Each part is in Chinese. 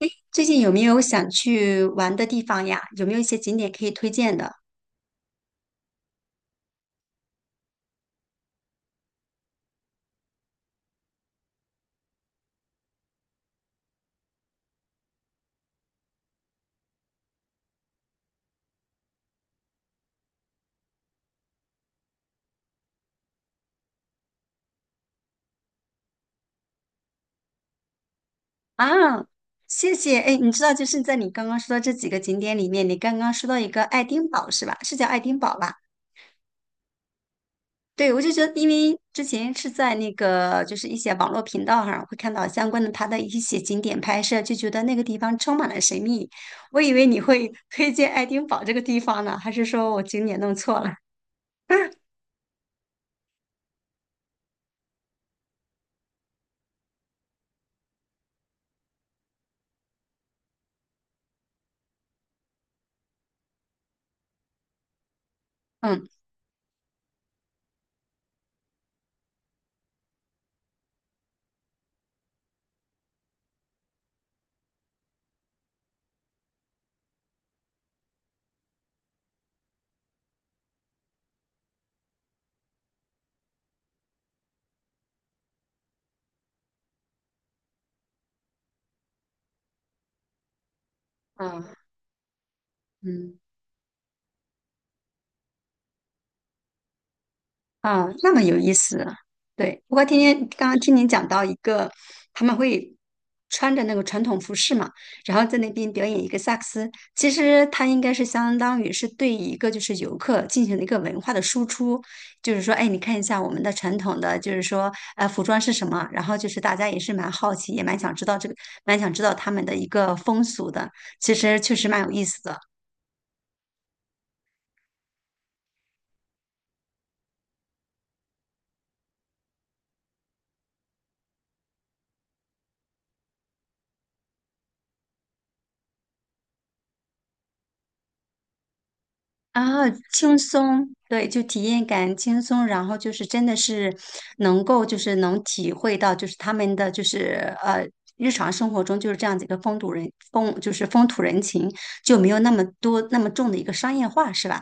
诶，最近有没有想去玩的地方呀？有没有一些景点可以推荐的啊？谢谢。哎，你知道，就是在你刚刚说的这几个景点里面，你刚刚说到一个爱丁堡是吧？是叫爱丁堡吧？对，我就觉得，因为之前是在那个就是一些网络频道上会看到相关的它的一些景点拍摄，就觉得那个地方充满了神秘。我以为你会推荐爱丁堡这个地方呢，还是说我景点弄错了？嗯嗯嗯。啊，那么有意思啊。对，不过今天刚刚听您讲到一个，他们会穿着那个传统服饰嘛，然后在那边表演一个萨克斯。其实它应该是相当于是对一个就是游客进行了一个文化的输出，就是说，哎，你看一下我们的传统的，就是说，服装是什么？然后就是大家也是蛮好奇，也蛮想知道这个，蛮想知道他们的一个风俗的。其实确实蛮有意思的。啊，轻松，对，就体验感轻松，然后就是真的是能够就是能体会到就是他们的就是日常生活中就是这样子一个风土人情，就没有那么多那么重的一个商业化，是吧？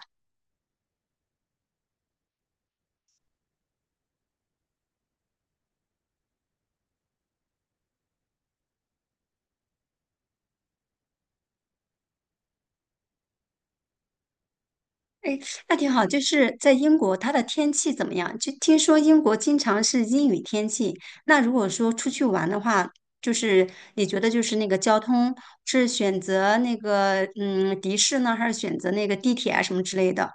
哎，那挺好。就是在英国，它的天气怎么样？就听说英国经常是阴雨天气。那如果说出去玩的话，就是你觉得就是那个交通是选择那个的士呢，还是选择那个地铁啊什么之类的？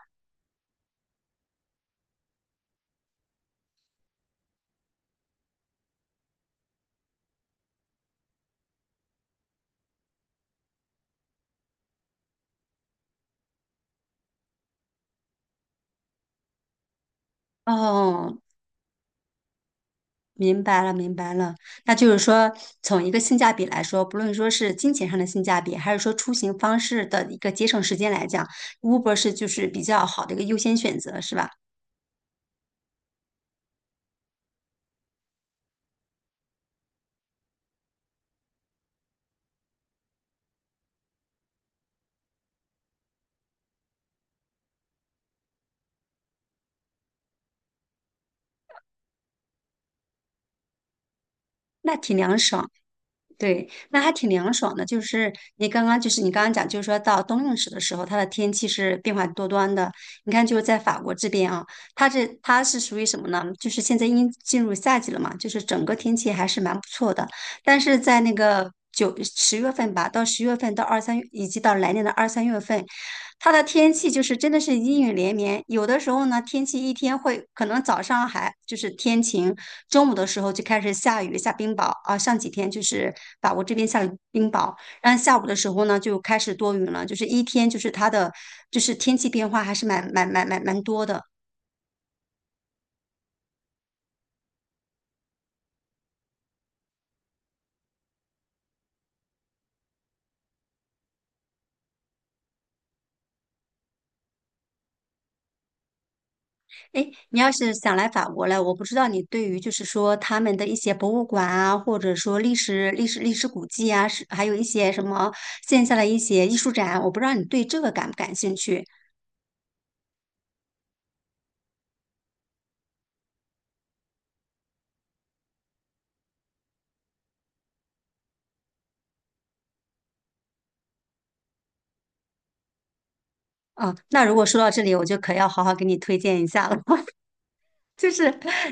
哦，明白了，明白了。那就是说，从一个性价比来说，不论说是金钱上的性价比，还是说出行方式的一个节省时间来讲，Uber 是就是比较好的一个优先选择，是吧？那挺凉爽。对，那还挺凉爽的。就是你刚刚，就是你刚刚讲，就是说到冬令时的时候，它的天气是变化多端的。你看，就是在法国这边啊，它是属于什么呢？就是现在已经进入夏季了嘛，就是整个天气还是蛮不错的。但是在那个9-10月份吧，到十月份到二三月，以及到来年的2-3月份，它的天气就是真的是阴雨连绵。有的时候呢，天气一天会可能早上还就是天晴，中午的时候就开始下雨下冰雹啊。上几天就是法国这边下了冰雹，然后下午的时候呢就开始多云了，就是一天就是它的就是天气变化还是蛮多的。哎，诶你要是想来法国了，我不知道你对于就是说他们的一些博物馆啊，或者说历史古迹啊，是还有一些什么线下的一些艺术展，我不知道你对这个感不感兴趣啊？那如果说到这里，我就可要好好给你推荐一下了。就是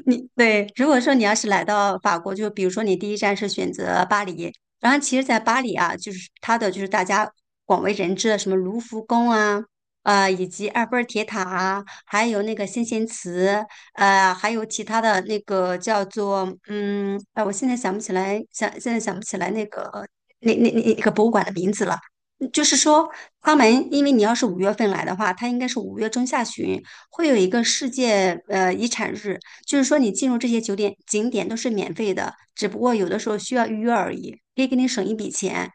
你对，如果说你要是来到法国，就比如说你第一站是选择巴黎，然后其实，在巴黎啊，就是它的就是大家广为人知的什么卢浮宫啊，以及埃菲尔铁塔啊，还有那个先贤祠，还有其他的那个叫做哎、我现在想不起来，想现在想不起来那个博物馆的名字了。嗯就是说，他们因为你要是五月份来的话，它应该是五月中下旬。会有一个世界遗产日，就是说你进入这些酒店景点都是免费的，只不过有的时候需要预约而已，可以给你省一笔钱。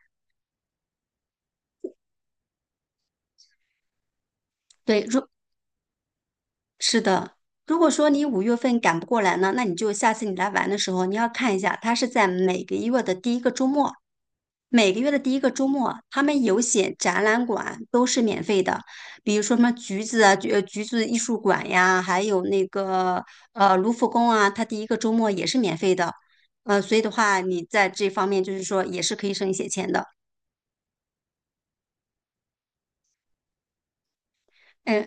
对，是的，如果说你五月份赶不过来呢，那你就下次你来玩的时候，你要看一下，它是在每个月的第一个周末，每个月的第一个周末，他们有写展览馆都是免费的，比如说什么橘子啊，橘子艺术馆呀，还有那个卢浮宫啊，它第一个周末也是免费的，所以的话，你在这方面就是说也是可以省一些钱的。哎，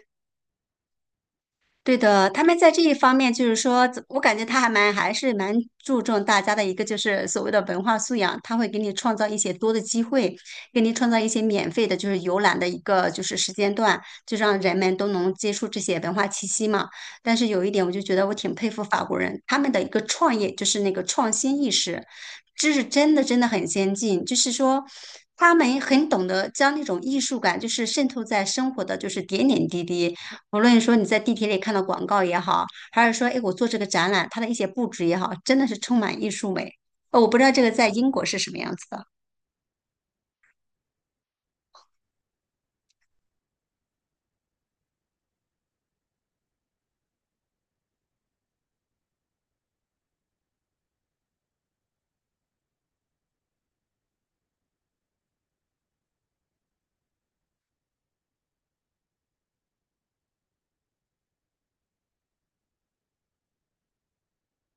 对的，他们在这一方面，就是说，我感觉他还是蛮注重大家的一个就是所谓的文化素养，他会给你创造一些多的机会，给你创造一些免费的，就是游览的一个就是时间段，就让人们都能接触这些文化气息嘛。但是有一点，我就觉得我挺佩服法国人，他们的一个创业就是那个创新意识，这是真的真的很先进，就是说。他们很懂得将那种艺术感，就是渗透在生活的，就是点点滴滴，无论说你在地铁里看到广告也好，还是说，哎，我做这个展览，它的一些布置也好，真的是充满艺术美。我不知道这个在英国是什么样子的。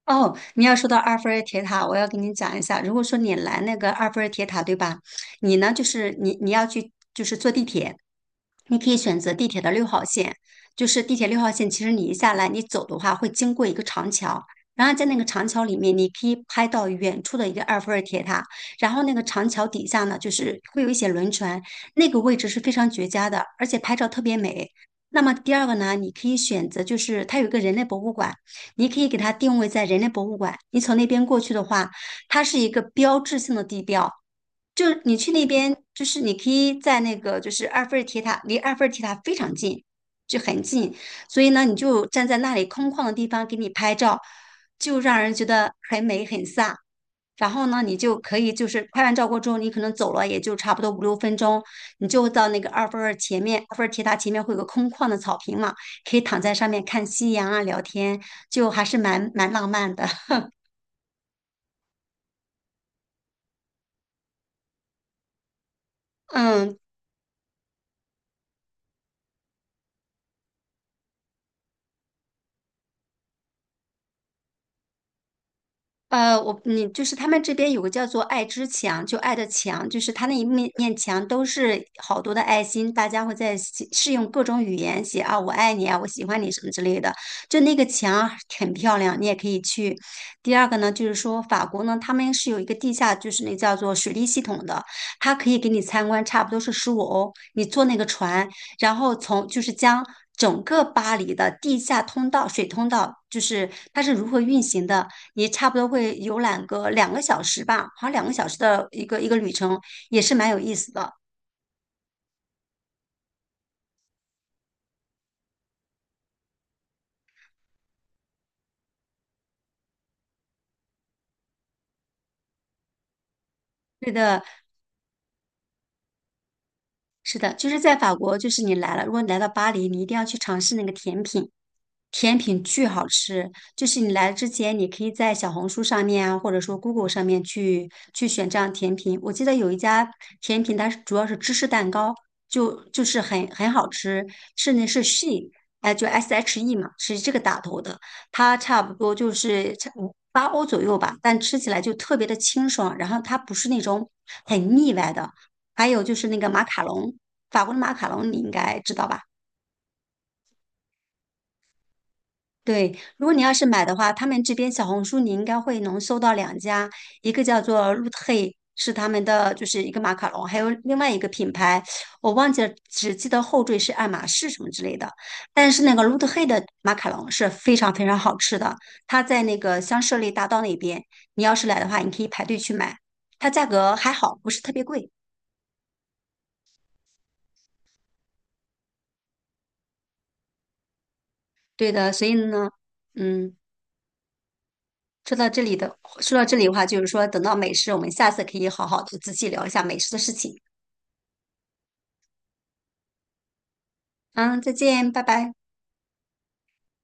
哦，你要说到埃菲尔铁塔，我要跟你讲一下。如果说你来那个埃菲尔铁塔，对吧？你呢，就是你要去，就是坐地铁，你可以选择地铁的六号线，就是地铁六号线。其实你一下来，你走的话会经过一个长桥，然后在那个长桥里面，你可以拍到远处的一个埃菲尔铁塔。然后那个长桥底下呢，就是会有一些轮船，那个位置是非常绝佳的，而且拍照特别美。那么第二个呢，你可以选择就是它有一个人类博物馆。你可以给它定位在人类博物馆。你从那边过去的话，它是一个标志性的地标。就是你去那边，就是你可以在那个就是埃菲尔铁塔，离埃菲尔铁塔非常近，就很近。所以呢，你就站在那里空旷的地方给你拍照，就让人觉得很美很飒。然后呢，你就可以就是拍完照过之后，你可能走了也就差不多5-6分钟，你就到那个埃菲尔前面，埃菲尔铁塔前面会有个空旷的草坪嘛，可以躺在上面看夕阳啊，聊天，就还是蛮浪漫的。嗯，你就是他们这边有个叫做“爱之墙”，就爱的墙，就是他那一面面墙都是好多的爱心，大家会在写是用各种语言写啊，我爱你啊，我喜欢你什么之类的。就那个墙很漂亮，你也可以去。第二个呢，就是说法国呢，他们是有一个地下，就是那叫做水利系统的，它可以给你参观，差不多是15欧，你坐那个船，然后从就是将整个巴黎的地下通道、水通道，就是它是如何运行的。你差不多会游览个两个小时吧，好像两个小时的一个旅程，也是蛮有意思的。对的，是的，就是在法国，就是你来了，如果你来到巴黎，你一定要去尝试那个甜品，甜品巨好吃，就是你来之前，你可以在小红书上面啊，或者说 Google 上面去选这样甜品。我记得有一家甜品，它是主要是芝士蛋糕，就是很好吃，是 She，哎，就 SHE 嘛，是这个打头的，它差不多就是差5-8欧左右吧，但吃起来就特别的清爽，然后它不是那种很腻歪的。还有就是那个马卡龙，法国的马卡龙你应该知道吧？对，如果你要是买的话，他们这边小红书你应该会能搜到2家，一个叫做 Root h 露特，是他们的就是一个马卡龙，还有另外一个品牌，我忘记了，只记得后缀是爱马仕什么之类的。但是那个 Root h 露特的马卡龙是非常非常好吃的，它在那个香榭丽大道那边，你要是来的话，你可以排队去买，它价格还好，不是特别贵。对的，所以呢，嗯。说到这里的话，就是说，等到美食，我们下次可以好好的仔细聊一下美食的事情。嗯，再见，拜拜。